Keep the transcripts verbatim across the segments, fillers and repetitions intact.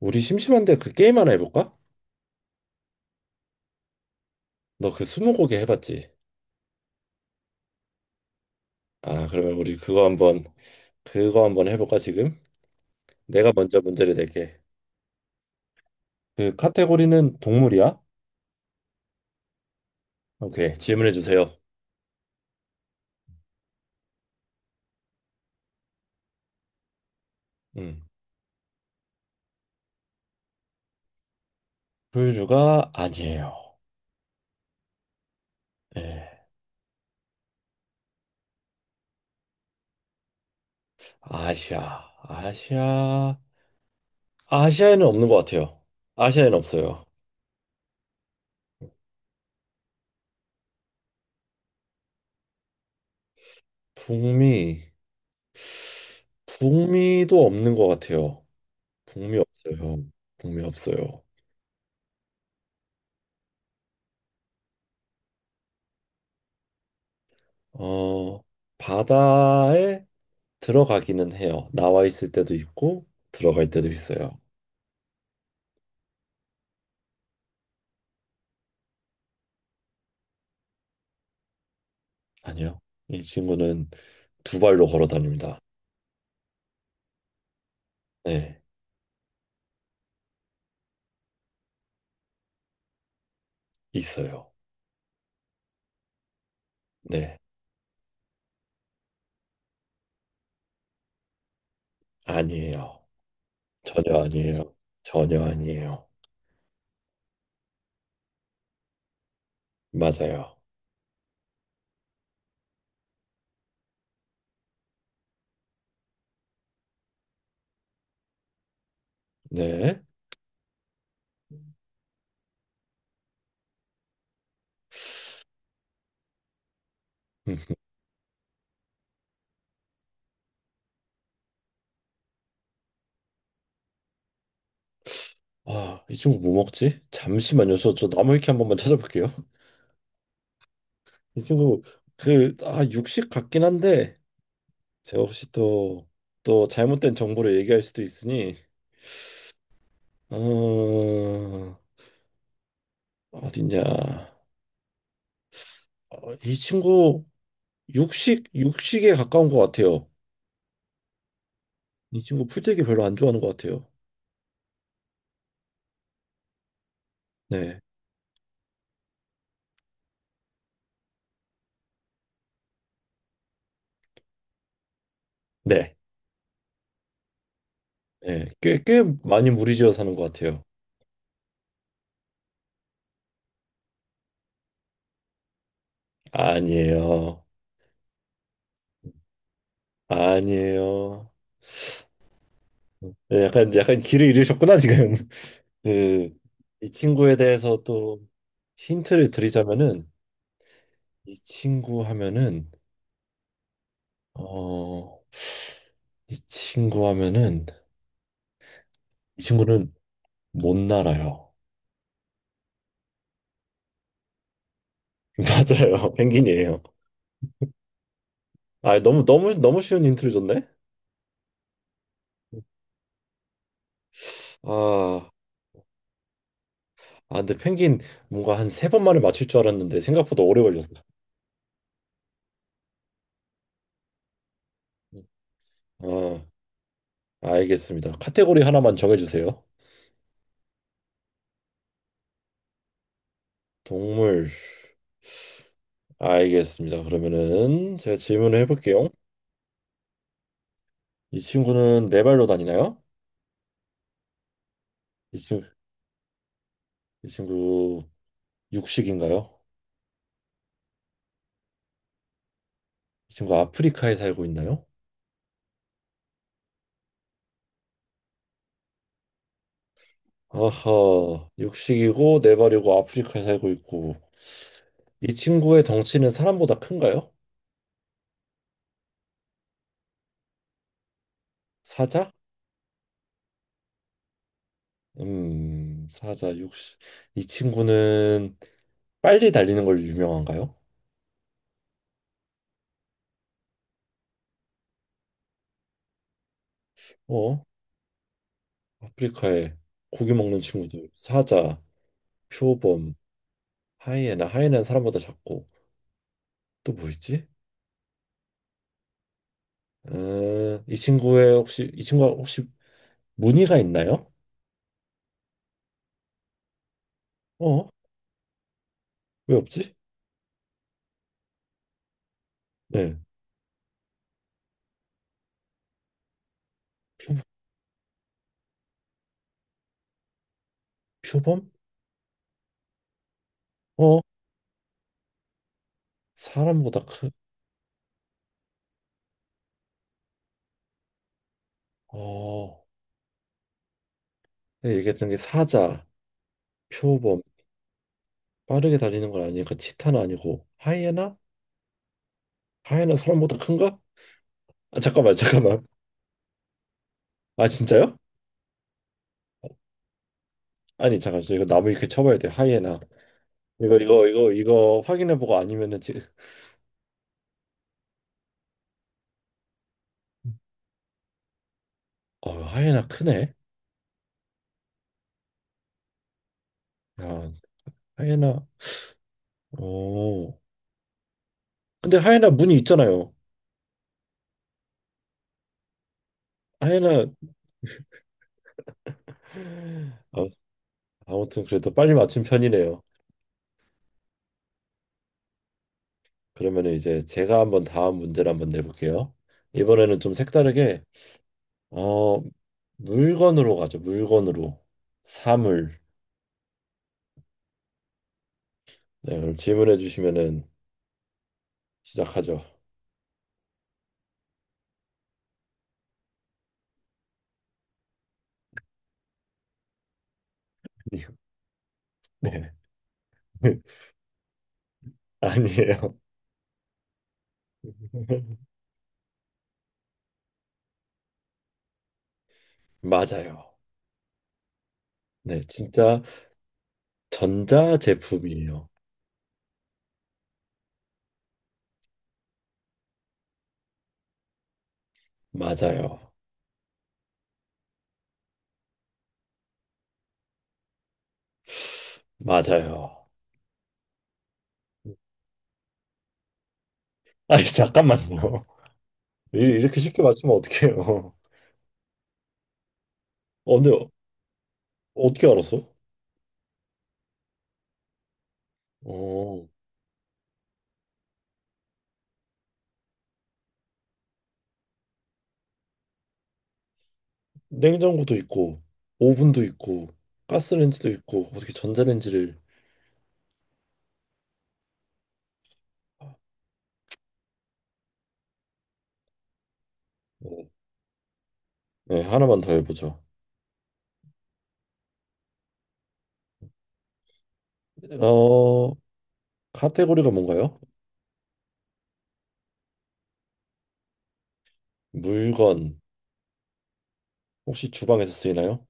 우리 심심한데 그 게임 하나 해볼까? 너 그 스무고개 해봤지? 아, 그러면 우리 그거 한번 그거 한번 해볼까 지금? 내가 먼저 문제를 낼게. 그 카테고리는 동물이야? 오케이, 질문해 주세요. 음, 포유류가 아니에요. 예, 아시아, 아시아, 아시아에는 없는 것 같아요. 아시아에는 없어요. 북미, 북미도 없는 것 같아요. 북미 없어요. 북미 없어요. 어, 바다에 들어가기는 해요. 나와 있을 때도 있고 들어갈 때도 있어요. 아니요. 이 친구는 두 발로 걸어 다닙니다. 네, 있어요. 네, 아니에요. 전혀 아니에요. 전혀 아니에요. 맞아요. 네. 음. 아, 이 친구 뭐 먹지? 잠시만요. 저, 저 나무 위키 한 번만 찾아볼게요. 이 친구 그, 아, 육식 같긴 한데 제가 혹시 또, 또 잘못된 정보를 얘기할 수도 있으니 어, 어딨냐? 어, 이 친구 육식 육식에 가까운 것 같아요. 이 친구 풀떼기 별로 안 좋아하는 것 같아요. 네, 네, 네, 꽤 꽤 많이 무리지어 사는 것 같아요. 아니에요, 아니에요. 네, 약간 약간 길을 잃으셨구나 지금. 그 이 친구에 대해서 또 힌트를 드리자면은 이 친구 하면은 어 이 친구 하면은 이 친구는 못 날아요. 맞아요, 펭귄이에요. 아, 너무 너무 너무 쉬운 힌트를 줬네. 아, 아 근데 펭귄 뭔가 한 세 번만에 맞출 줄 알았는데 생각보다 오래 걸렸어. 아, 알겠습니다. 카테고리 하나만 정해주세요. 동물. 알겠습니다. 그러면은 제가 질문을 해볼게요. 이 친구는 네 발로 다니나요? 이 친구, 이 친구 육식인가요? 이 친구 아프리카에 살고 있나요? 아하, 육식이고 네 발이고 아프리카에 살고 있고 이 친구의 덩치는 사람보다 큰가요? 사자? 음, 사자 육시이 친구는 빨리 달리는 걸 유명한가요? 어, 아프리카에 고기 먹는 친구들 사자, 표범, 하이에나 하이에나는 사람보다 작고 또 뭐 있지? 음, 이 친구의 혹시 이 친구가 혹시 무늬가 있나요? 어, 왜 없지? 네, 표, 표범? 어, 사람보다 크. 어, 내가 얘기했던 게 사자, 표범, 빠르게 달리는 건 아니니까 치타는 아니고 하이에나? 하이에나 사람보다 큰가? 아, 잠깐만 잠깐만. 아 진짜요? 아니 잠깐 저 이거 나무 이렇게 쳐봐야 돼 하이에나 이거 이거 이거 이거 확인해보고 아니면은 지금. 어 하이에나 크네. 야 하이에나 어 근데 하이에나 문이 있잖아요. 하이에나. 아, 아무튼 그래도 빨리 맞춘 편이네요. 그러면 이제 제가 한번 다음 문제를 한번 내볼게요. 이번에는 좀 색다르게 어 물건으로 가죠. 물건으로 사물. 네, 그럼 질문해 주시면은 시작하죠. 네. 아니에요. 맞아요. 네, 진짜 전자 제품이에요. 맞아요. 맞아요. 아니, 잠깐만요. 이- 이렇게 쉽게 맞추면 어떡해요. 어, 근데 어떻게 알았어? 어, 냉장고도 있고, 오븐도 있고, 가스레인지도 있고, 어떻게 전자레인지를. 네, 네, 하나만 더 해보죠. 어, 카테고리가 뭔가요? 물건, 혹시 주방에서 쓰이나요?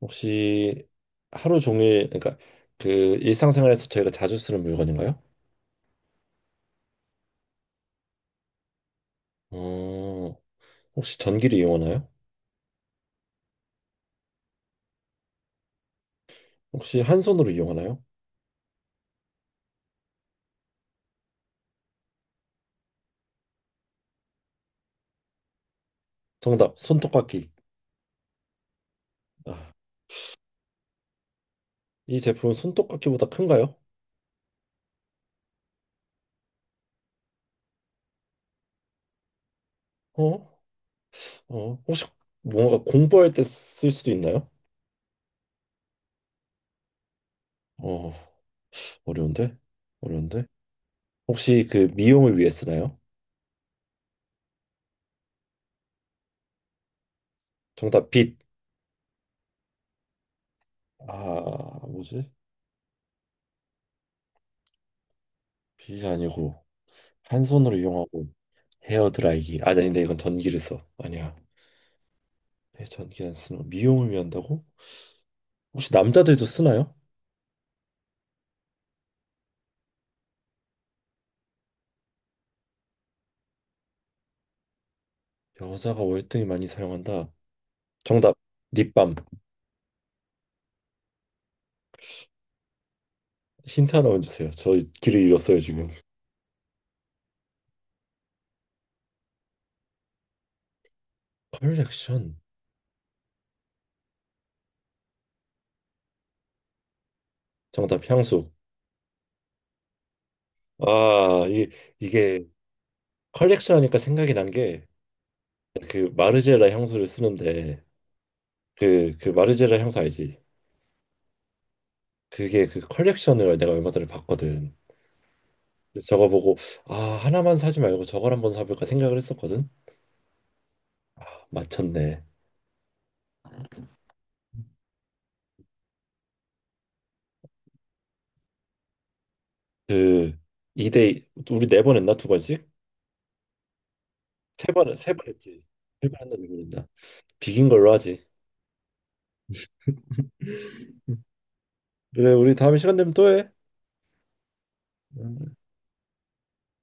혹시 하루 종일 그러니까 그 일상생활에서 저희가 자주 쓰는 물건인가요? 어, 혹시 전기를 이용하나요? 혹시 한 손으로 이용하나요? 정답, 손톱깎이. 아, 이 제품은 손톱깎이보다 큰가요? 어? 어, 혹시 뭔가 공부할 때 쓸 수도 있나요? 어, 어려운데? 어려운데? 혹시 그 미용을 위해 쓰나요? 정답, 빗. 아, 뭐지? 빗이 아니고 한 손으로 이용하고 헤어 드라이기. 아, 아닌데 이건 전기를 써. 아니야. 네, 전기 안 쓰는 거. 미용을 위한다고? 혹시 남자들도 쓰나요? 여자가 월등히 많이 사용한다. 정답 립밤. 힌트 하나만 주세요. 저 길을 잃었어요 지금. 컬렉션. 정답 향수. 아, 이, 이게 컬렉션 하니까 생각이 난 게 그 마르제라 향수를 쓰는데 그, 그 마르제라 향수 알지? 그게 그 컬렉션을 내가 얼마 전에 봤거든. 그래서 저거 보고 아 하나만 사지 말고 저걸 한번 사볼까 생각을 했었거든. 아, 맞췄네. 그 이대 우리 네 번 했나 두 번씩? 세 번, 세 번 했지. 세 번 했나 네 번 했나? 비긴 걸로 하지. 그래, 우리 다음 시간 되면 또 해. 응.